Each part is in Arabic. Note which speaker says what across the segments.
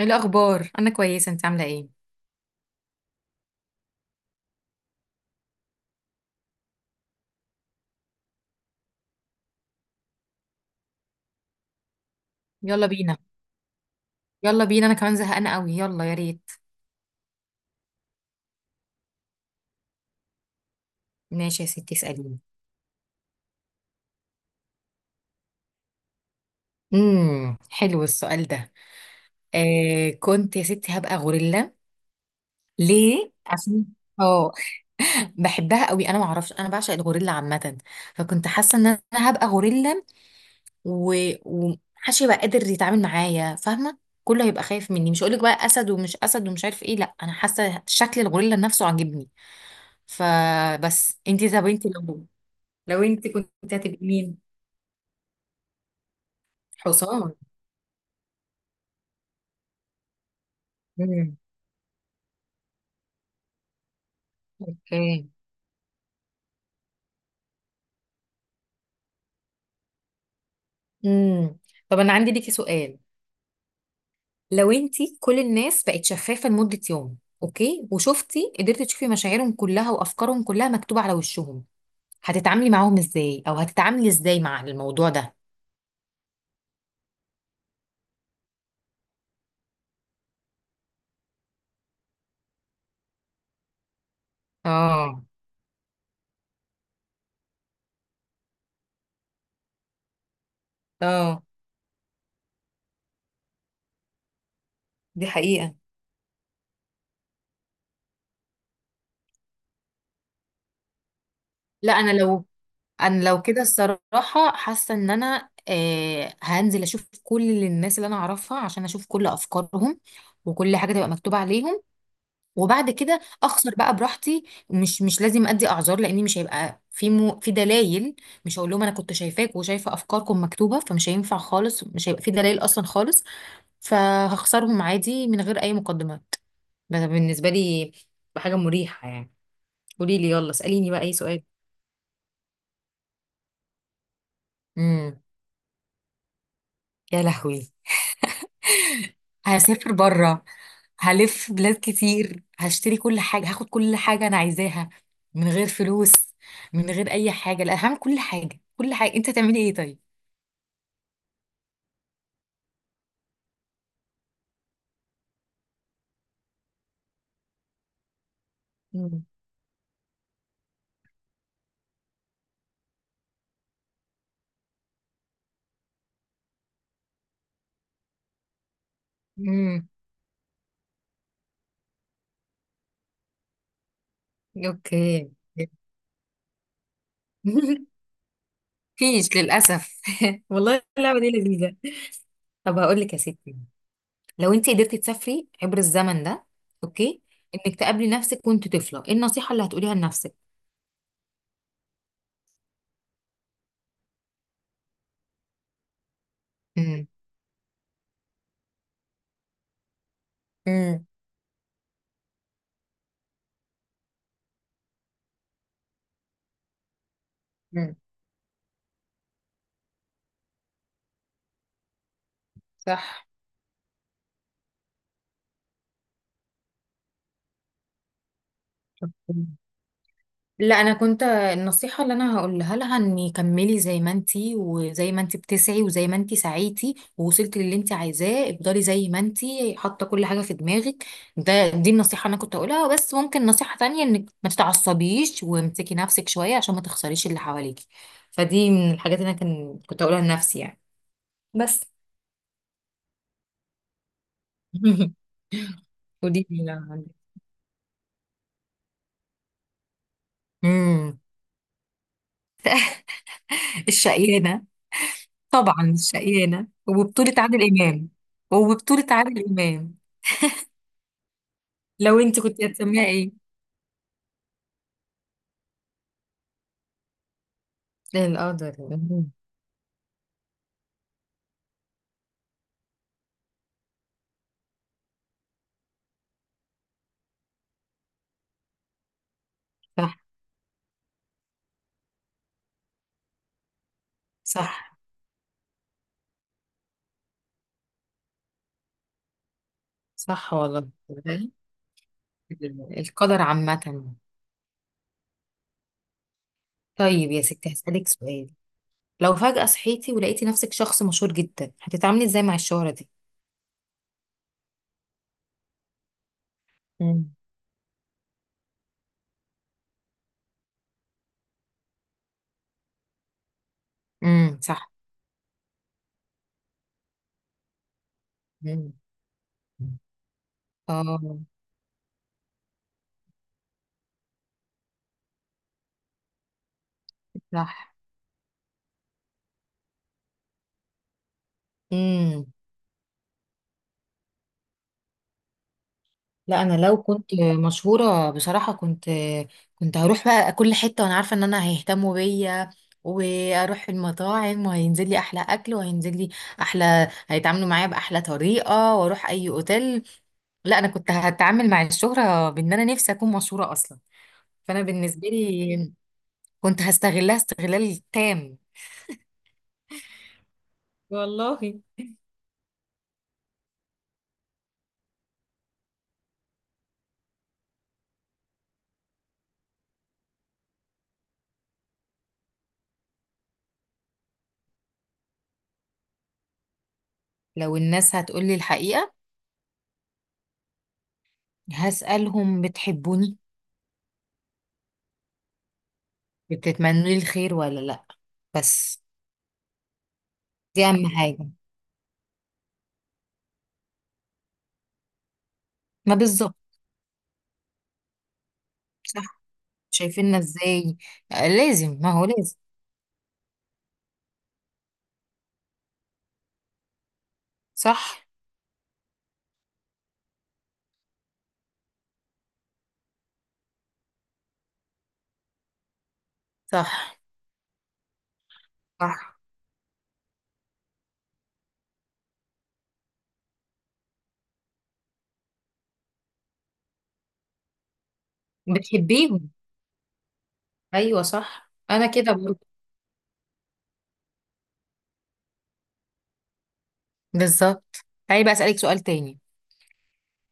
Speaker 1: ايه الاخبار؟ انا كويسه، انت عامله ايه؟ يلا بينا. يلا بينا، انا كمان زهقانه قوي، يلا يا ريت. ماشي يا ستي، اساليني. حلو السؤال ده. آه، كنت يا ستي هبقى غوريلا. ليه؟ عشان اه، بحبها قوي، انا ما اعرفش، انا بعشق الغوريلا عامه، فكنت حاسه ان انا هبقى غوريلا. و... ومحدش يبقى قادر يتعامل معايا، فاهمه؟ كله هيبقى خايف مني. مش هقولك بقى اسد ومش اسد ومش عارف ايه، لا انا حاسه شكل الغوريلا نفسه عاجبني. فبس انتي طب انتي لو لو انت كنت هتبقي مين؟ حصان. امم. اوكي. امم. طب انا عندي ليكي سؤال. لو انت كل الناس بقت شفافة لمدة يوم، اوكي، وشفتي قدرتي تشوفي مشاعرهم كلها وافكارهم كلها مكتوبة على وشهم، هتتعاملي معاهم ازاي؟ او هتتعاملي ازاي مع الموضوع ده؟ اه. اه دي حقيقة. لا انا لو، انا لو كده الصراحه حاسه ان انا آه هنزل اشوف كل الناس اللي انا اعرفها عشان اشوف كل افكارهم، وكل حاجه تبقى مكتوبه عليهم، وبعد كده اخسر بقى براحتي. مش لازم ادي اعذار، لاني مش هيبقى في مو، في دلائل. مش هقول لهم انا كنت شايفاك وشايفه افكاركم مكتوبه، فمش هينفع خالص، مش هيبقى في دلائل اصلا خالص، فهخسرهم عادي من غير اي مقدمات. ده بالنسبه لي حاجه مريحه يعني. قولي لي، يلا اساليني بقى اي سؤال. امم يا لهوي. هسافر بره، هلف بلاد كتير، هشتري كل حاجة، هاخد كل حاجة أنا عايزاها من غير فلوس، من غير أي حاجة. لا، هعمل كل حاجة، كل حاجة. أنت هتعملي إيه طيب؟ مم. امم. أوكي. مفيش للأسف. والله اللعبة دي لذيذة. طب هقول لك يا ستي، لو أنت قدرتي تسافري عبر الزمن ده، أوكي، إنك تقابلي نفسك وأنت طفلة، إيه النصيحة اللي هتقوليها لنفسك؟ امم. مم. مم. صح. لا، انا كنت النصيحه اللي انا هقولها لها اني كملي زي ما انتي، وزي ما انتي بتسعي، وزي ما انتي سعيتي ووصلتي للي انتي عايزاه، افضلي زي ما انتي حاطه كل حاجه في دماغك. دي النصيحه اللي انا كنت هقولها، بس ممكن نصيحه تانية انك ما تتعصبيش وامسكي نفسك شويه عشان ما تخسريش اللي حواليكي. فدي من الحاجات اللي انا كان كنت هقولها لنفسي يعني. بس. ودي؟ امم. الشقيانه. طبعا الشقيانه، وبطوله عادل امام. وبطوله عادل امام. لو انت كنت هتسميها ايه؟ القدر. مم. صح. صح. صح والله. القدر عامة. طيب يا ستي، هسألك سؤال. لو فجأة صحيتي ولقيتي نفسك شخص مشهور جدا، هتتعاملي ازاي مع الشهرة دي؟ امم. امم. صح. امم. اه. صح. امم. لا انا لو كنت مشهوره بصراحه، كنت كنت هروح بقى كل حته وانا عارفه ان انا هيهتموا بيا، واروح المطاعم وهينزل لي احلى اكل، وهينزل لي احلى، هيتعاملوا معايا باحلى طريقه، واروح اي اوتيل. لا، انا كنت هتعامل مع الشهره بان انا نفسي اكون مشهوره اصلا، فانا بالنسبه لي كنت هستغلها استغلال تام والله. لو الناس هتقولي الحقيقه، هسالهم بتحبوني؟ بتتمنوا لي الخير ولا لا؟ بس دي اهم حاجه. ما بالظبط. صح. شايفيننا ازاي؟ آه، لازم، ما هو لازم. صح. صح. صح. بتحبيهم. ايوه صح، انا كده برضه. بالظبط. تعالي بقى اسالك سؤال تاني.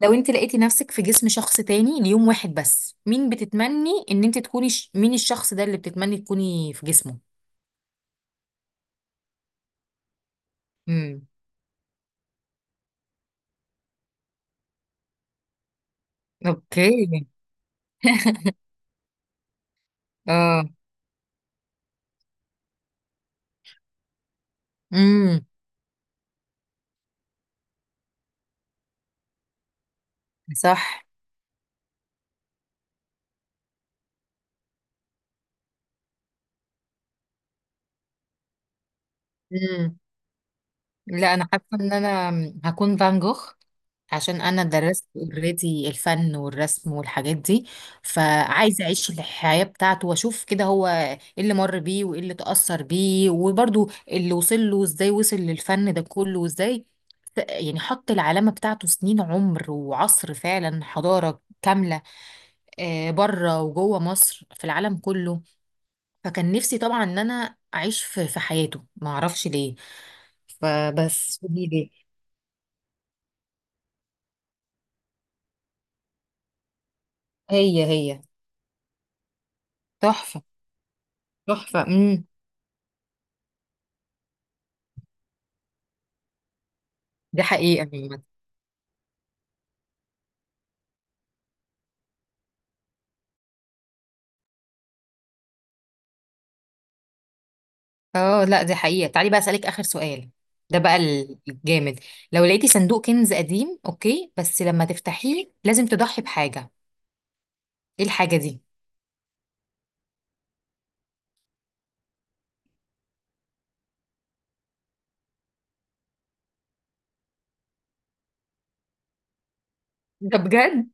Speaker 1: لو انت لقيتي نفسك في جسم شخص تاني ليوم واحد بس، مين بتتمني ان انت تكوني مين الشخص ده اللي بتتمني تكوني في جسمه؟ امم. اوكي. اه. امم. صح. امم. لا انا حاسه ان انا هكون فان جوخ، عشان انا درست اوريدي الفن والرسم والحاجات دي، فعايزه اعيش الحياه بتاعته، واشوف كده هو ايه اللي مر بيه وايه اللي تاثر بيه، وبرده اللي وصل له ازاي، وصل للفن ده كله وازاي. يعني حط العلامه بتاعته سنين عمر وعصر فعلا، حضاره كامله، آه، بره وجوه مصر في العالم كله. فكان نفسي طبعا ان انا اعيش في في حياته، ما اعرفش ليه، فبس دي ليه. هي هي. تحفه. تحفه. دي حقيقة عامة. اه لا دي حقيقة. تعالي بقى أسألك آخر سؤال، ده بقى الجامد. لو لقيتي صندوق كنز قديم، اوكي، بس لما تفتحيه لازم تضحي بحاجة، ايه الحاجة دي؟ ده بجد؟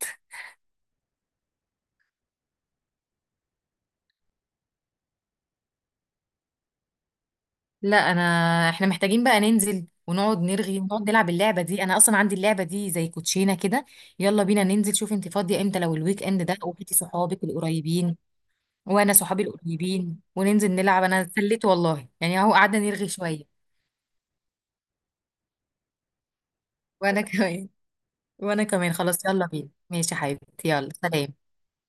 Speaker 1: لا انا، احنا محتاجين بقى ننزل ونقعد نرغي ونقعد نلعب اللعبة دي، انا اصلا عندي اللعبة دي زي كوتشينة كده. يلا بينا ننزل، شوف انت فاضية امتى، لو الويك اند ده، وجبتي صحابك القريبين وانا صحابي القريبين وننزل نلعب. انا اتسليت والله يعني، اهو قعدنا نرغي شوية. وانا كمان، وانا كمان. خلاص، يلا بينا، ماشي يا حبيبتي، يلا سلام.